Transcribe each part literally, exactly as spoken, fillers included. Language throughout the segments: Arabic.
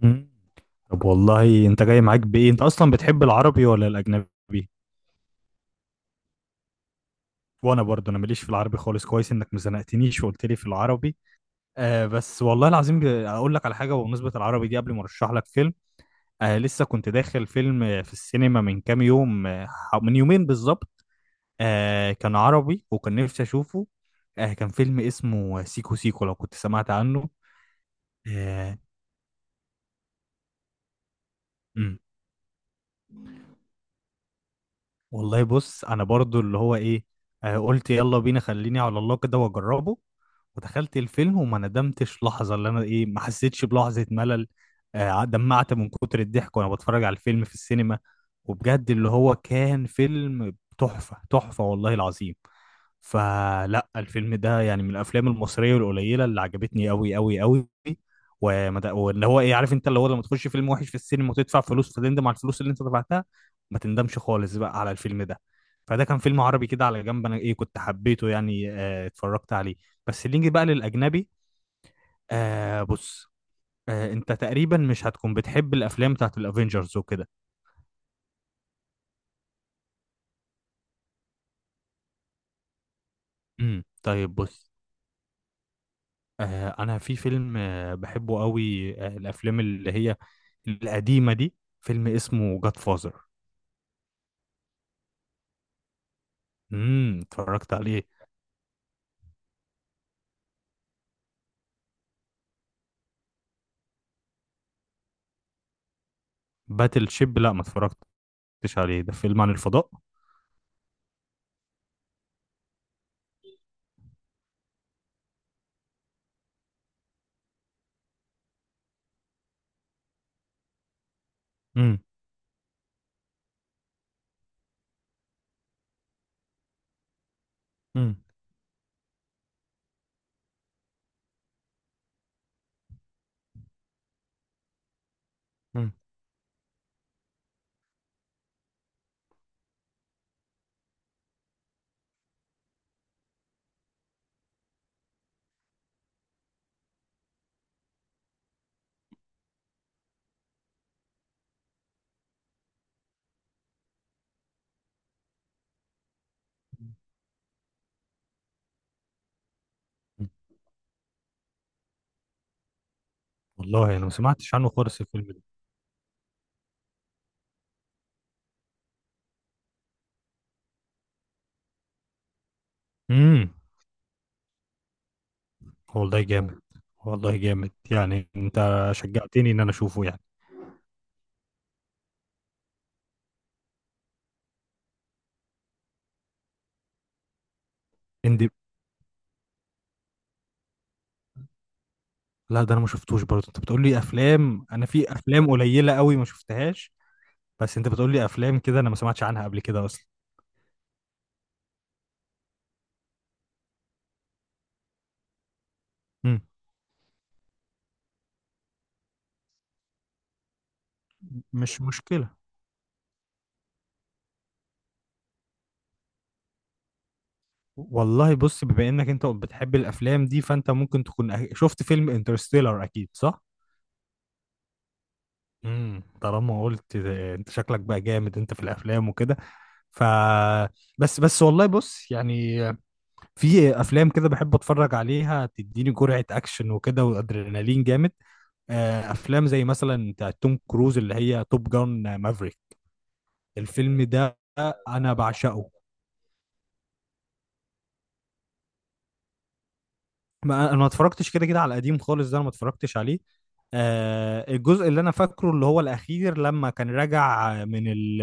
مم. طب والله انت جاي معاك بايه، انت اصلا بتحب العربي ولا الاجنبي؟ وانا برضه انا ماليش في العربي خالص، كويس انك ما زنقتنيش وقلت لي في العربي. آه بس والله العظيم، ب- اقول لك على حاجه بمناسبه العربي دي قبل ما ارشح لك فيلم. آه لسه كنت داخل فيلم آه، في السينما من كام يوم، آه ح- من يومين بالظبط. آه كان عربي وكان نفسي اشوفه. آه كان فيلم اسمه سيكو سيكو، لو كنت سمعت عنه. آه والله بص، انا برضو اللي هو ايه. آه قلت يلا بينا، خليني على الله كده واجربه. ودخلت الفيلم وما ندمتش لحظة، اللي انا ايه، ما حسيتش بلحظة ملل. آه دمعت من كتر الضحك وانا بتفرج على الفيلم في السينما. وبجد اللي هو كان فيلم تحفة تحفة، والله العظيم. فلا الفيلم ده يعني من الافلام المصريه القليله اللي عجبتني قوي قوي قوي. وما ده- واللي هو ايه، عارف انت، اللي هو لما تخش فيلم وحش في السينما وتدفع فلوس، فتندم على الفلوس اللي انت دفعتها. ما تندمش خالص بقى على الفيلم ده. فده كان فيلم عربي كده على جنب، انا ايه كنت حبيته يعني، آه اتفرجت عليه. بس اللي نيجي بقى للاجنبي. آه بص. آه انت تقريبا مش هتكون بتحب الافلام بتاعت الافينجرز وكده. امم طيب بص. آه انا في فيلم آه بحبه قوي، آه الافلام اللي هي القديمة دي، فيلم اسمه جاد فازر. امم اتفرجت عليه. باتل شيب لا، ما اتفرجتش عليه، ده فيلم عن الفضاء. امم. امم. امم. أمم. والله انا ما سمعتش عنه خالص الفيلم ده. امم. والله جامد، والله جامد يعني، انت شجعتني ان انا اشوفه يعني. اندي. لا ده انا ما شفتوش، برضه انت بتقول لي افلام، انا في افلام قليلة قوي ما شفتهاش. بس انت بتقول لي افلام كده انا ما سمعتش عنها قبل كده اصلا. امم مش مشكلة. والله بص، بما انك انت بتحب الافلام دي، فانت ممكن تكون أه- شفت فيلم انترستيلر، اكيد صح؟ امم طالما قلت ده- انت شكلك بقى جامد انت في الافلام وكده. ف بس بس والله بص يعني، في افلام كده بحب اتفرج عليها، تديني جرعة اكشن وكده وادرينالين جامد. آه، افلام زي مثلا بتاع توم كروز اللي هي توب جان مافريك. الفيلم ده انا بعشقه. ما انا ما اتفرجتش كده كده على القديم خالص، ده انا ما اتفرجتش عليه. آه الجزء اللي انا فاكره اللي هو الاخير، لما كان راجع من ال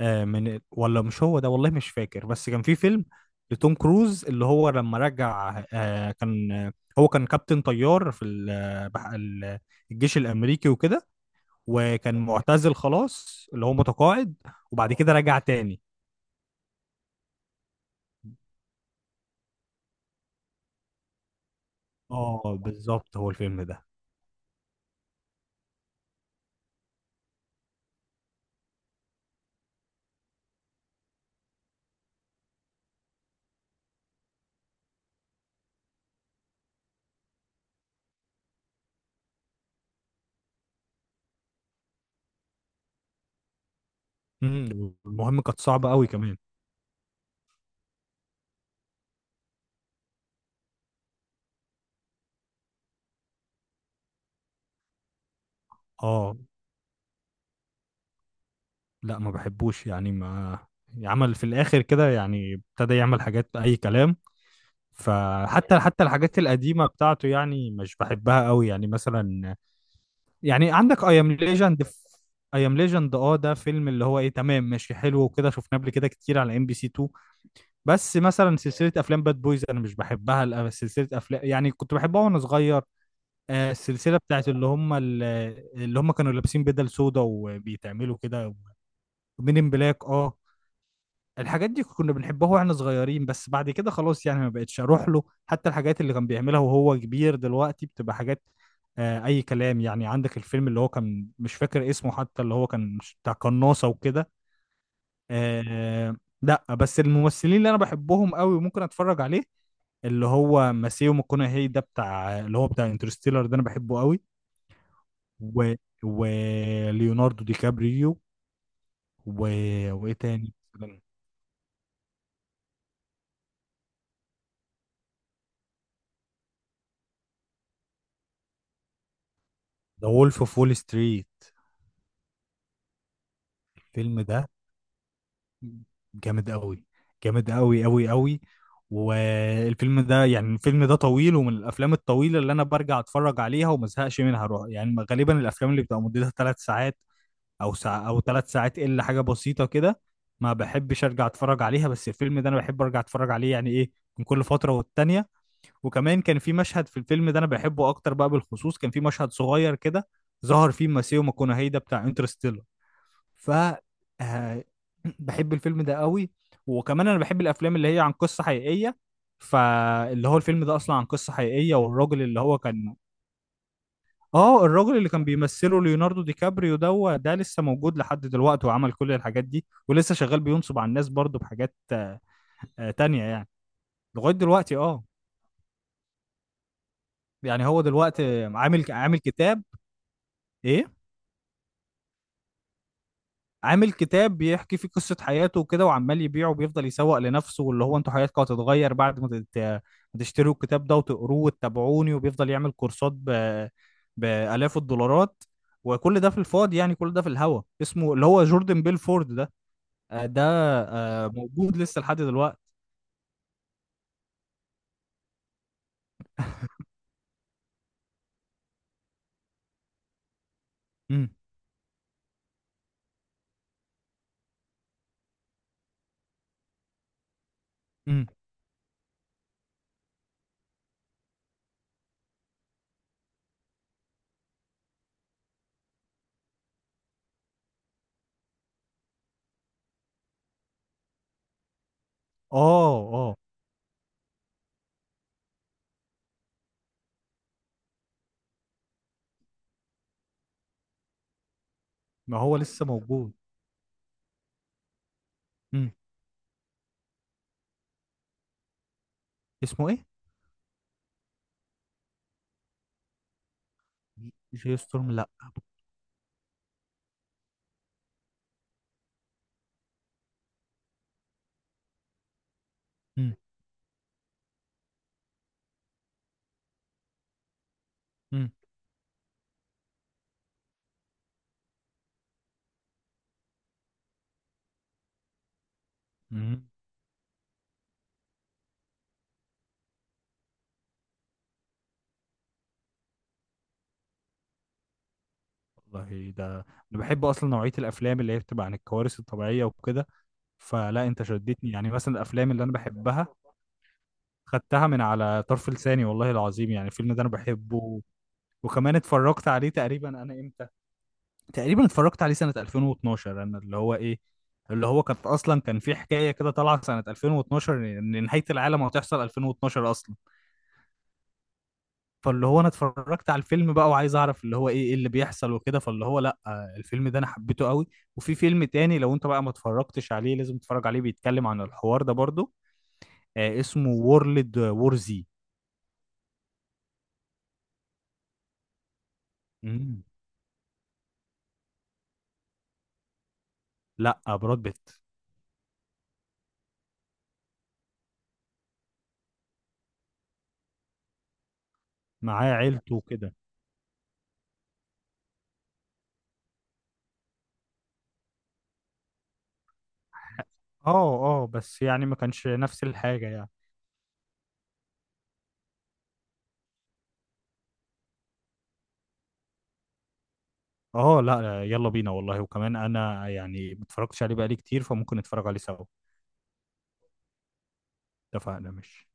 آه من ال، ولا مش هو ده، والله مش فاكر، بس كان في فيلم لتوم كروز اللي هو لما رجع آه كان، آه، هو كان كابتن طيار في ال- آه، بح- ال- الجيش الامريكي وكده. وكان معتزل خلاص اللي هو متقاعد. وبعد كده رجع تاني. اه بالظبط، هو الفيلم ده. مم، المهم كانت صعبة قوي كمان. اه لا، ما بحبوش يعني، ما عمل في الاخر كده يعني، ابتدى يعمل حاجات اي كلام. فحتى حتى الحاجات القديمه بتاعته يعني مش بحبها قوي، يعني مثلا، يعني عندك اي ام ليجند. اي ام ليجند، اه ده فيلم اللي هو ايه، تمام ماشي حلو وكده، شفناه قبل كده كتير على ام بي سي تو. بس مثلا سلسله افلام باد بويز انا مش بحبها، لأ، سلسله افلام يعني كنت بحبها وانا صغير. آه، السلسله بتاعت اللي هم ال- اللي هم كانوا لابسين بدل سودا وبيتعملوا كده. مين ان بلاك، اه. الحاجات دي كنا بنحبها واحنا صغيرين، بس بعد كده خلاص يعني ما بقتش اروح له، حتى الحاجات اللي كان بيعملها وهو كبير دلوقتي بتبقى حاجات آه اي كلام. يعني عندك الفيلم اللي هو كان مش فاكر اسمه، حتى اللي هو كان مش- بتاع قناصة وكده. آه. لا بس الممثلين اللي انا بحبهم قوي وممكن اتفرج عليه، اللي هو ماسيو ماكونهي ده بتاع اللي هو بتاع انترستيلر ده، انا بحبه قوي. و وليوناردو دي كابريو و... وايه تاني؟ ذا وولف اوف وول ستريت. الفيلم ده جامد قوي، جامد قوي قوي قوي. والفيلم ده يعني الفيلم ده طويل، ومن الافلام الطويله اللي انا برجع اتفرج عليها وما ازهقش منها، روح يعني غالبا الافلام اللي بتبقى مدتها ثلاث ساعات او ساعة او ثلاث ساعات الا حاجه بسيطه كده، ما بحبش ارجع اتفرج عليها، بس الفيلم ده انا بحب ارجع اتفرج عليه يعني ايه، من كل فتره والتانيه. وكمان كان في مشهد في الفيلم ده انا بحبه اكتر بقى بالخصوص، كان في مشهد صغير كده ظهر فيه ماسيو ماكونهي ده بتاع انترستيلر. ف آه، بحب الفيلم ده قوي. وكمان انا بحب الافلام اللي هي عن قصة حقيقية، فاللي هو الفيلم ده اصلا عن قصة حقيقية، والراجل اللي هو كان، اه الراجل اللي كان بيمثله ليوناردو دي كابريو ده ده لسه موجود لحد دلوقتي، وعمل كل الحاجات دي، ولسه شغال بينصب على الناس برضه بحاجات آه، تانية يعني. لغاية دلوقتي اه. يعني هو دلوقتي عامل عامل كتاب. ايه، عامل كتاب بيحكي فيه قصة حياته وكده، وعمال يبيعه، وبيفضل يسوق لنفسه واللي هو انتوا حياتكم هتتغير بعد ما تت- ما تشتروا الكتاب ده وتقروه وتتابعوني، وبيفضل يعمل كورسات ب... بآلاف الدولارات. وكل ده في الفاضي يعني، كل ده في الهوا، اسمه اللي هو جوردن بيلفورد ده. آه، ده. آه، موجود لسه لحد دلوقتي. امم. امم. اه. اه. ما هو لسه موجود. امم اسمه ايه؟ جي ستورم لا. امم. امم. امم. والله ده، انا بحب اصلا نوعيه الافلام اللي هي بتبقى عن الكوارث الطبيعيه وكده، فلا انت شدتني يعني، مثلا الافلام اللي انا بحبها. خدتها من على طرف لساني والله العظيم، يعني الفيلم ده انا بحبه. وكمان اتفرجت عليه تقريبا، انا امتى؟ تقريبا اتفرجت عليه سنه ألفين واتناشر، انا اللي هو ايه، اللي هو كانت اصلا كان في حكايه كده طالعه سنه ألفين واتناشر، ان إن نهايه العالم هتحصل ألفين واتناشر اصلا. فاللي هو انا اتفرجت على الفيلم بقى، وعايز اعرف اللي هو ايه ايه اللي بيحصل وكده، فاللي هو لا، آه، الفيلم ده انا حبيته قوي. وفي فيلم تاني لو انت بقى ما اتفرجتش عليه لازم تتفرج عليه، بيتكلم عن الحوار ده برضو. آه، اسمه وورلد وور زي. مم. لا براد بيت، معاه عيلته وكده. اه. اه بس يعني ما كانش نفس الحاجة يعني. اه لا، يلا بينا والله، وكمان انا يعني ما اتفرجتش عليه بقالي كتير، فممكن نتفرج عليه سوا. اتفقنا ماشي.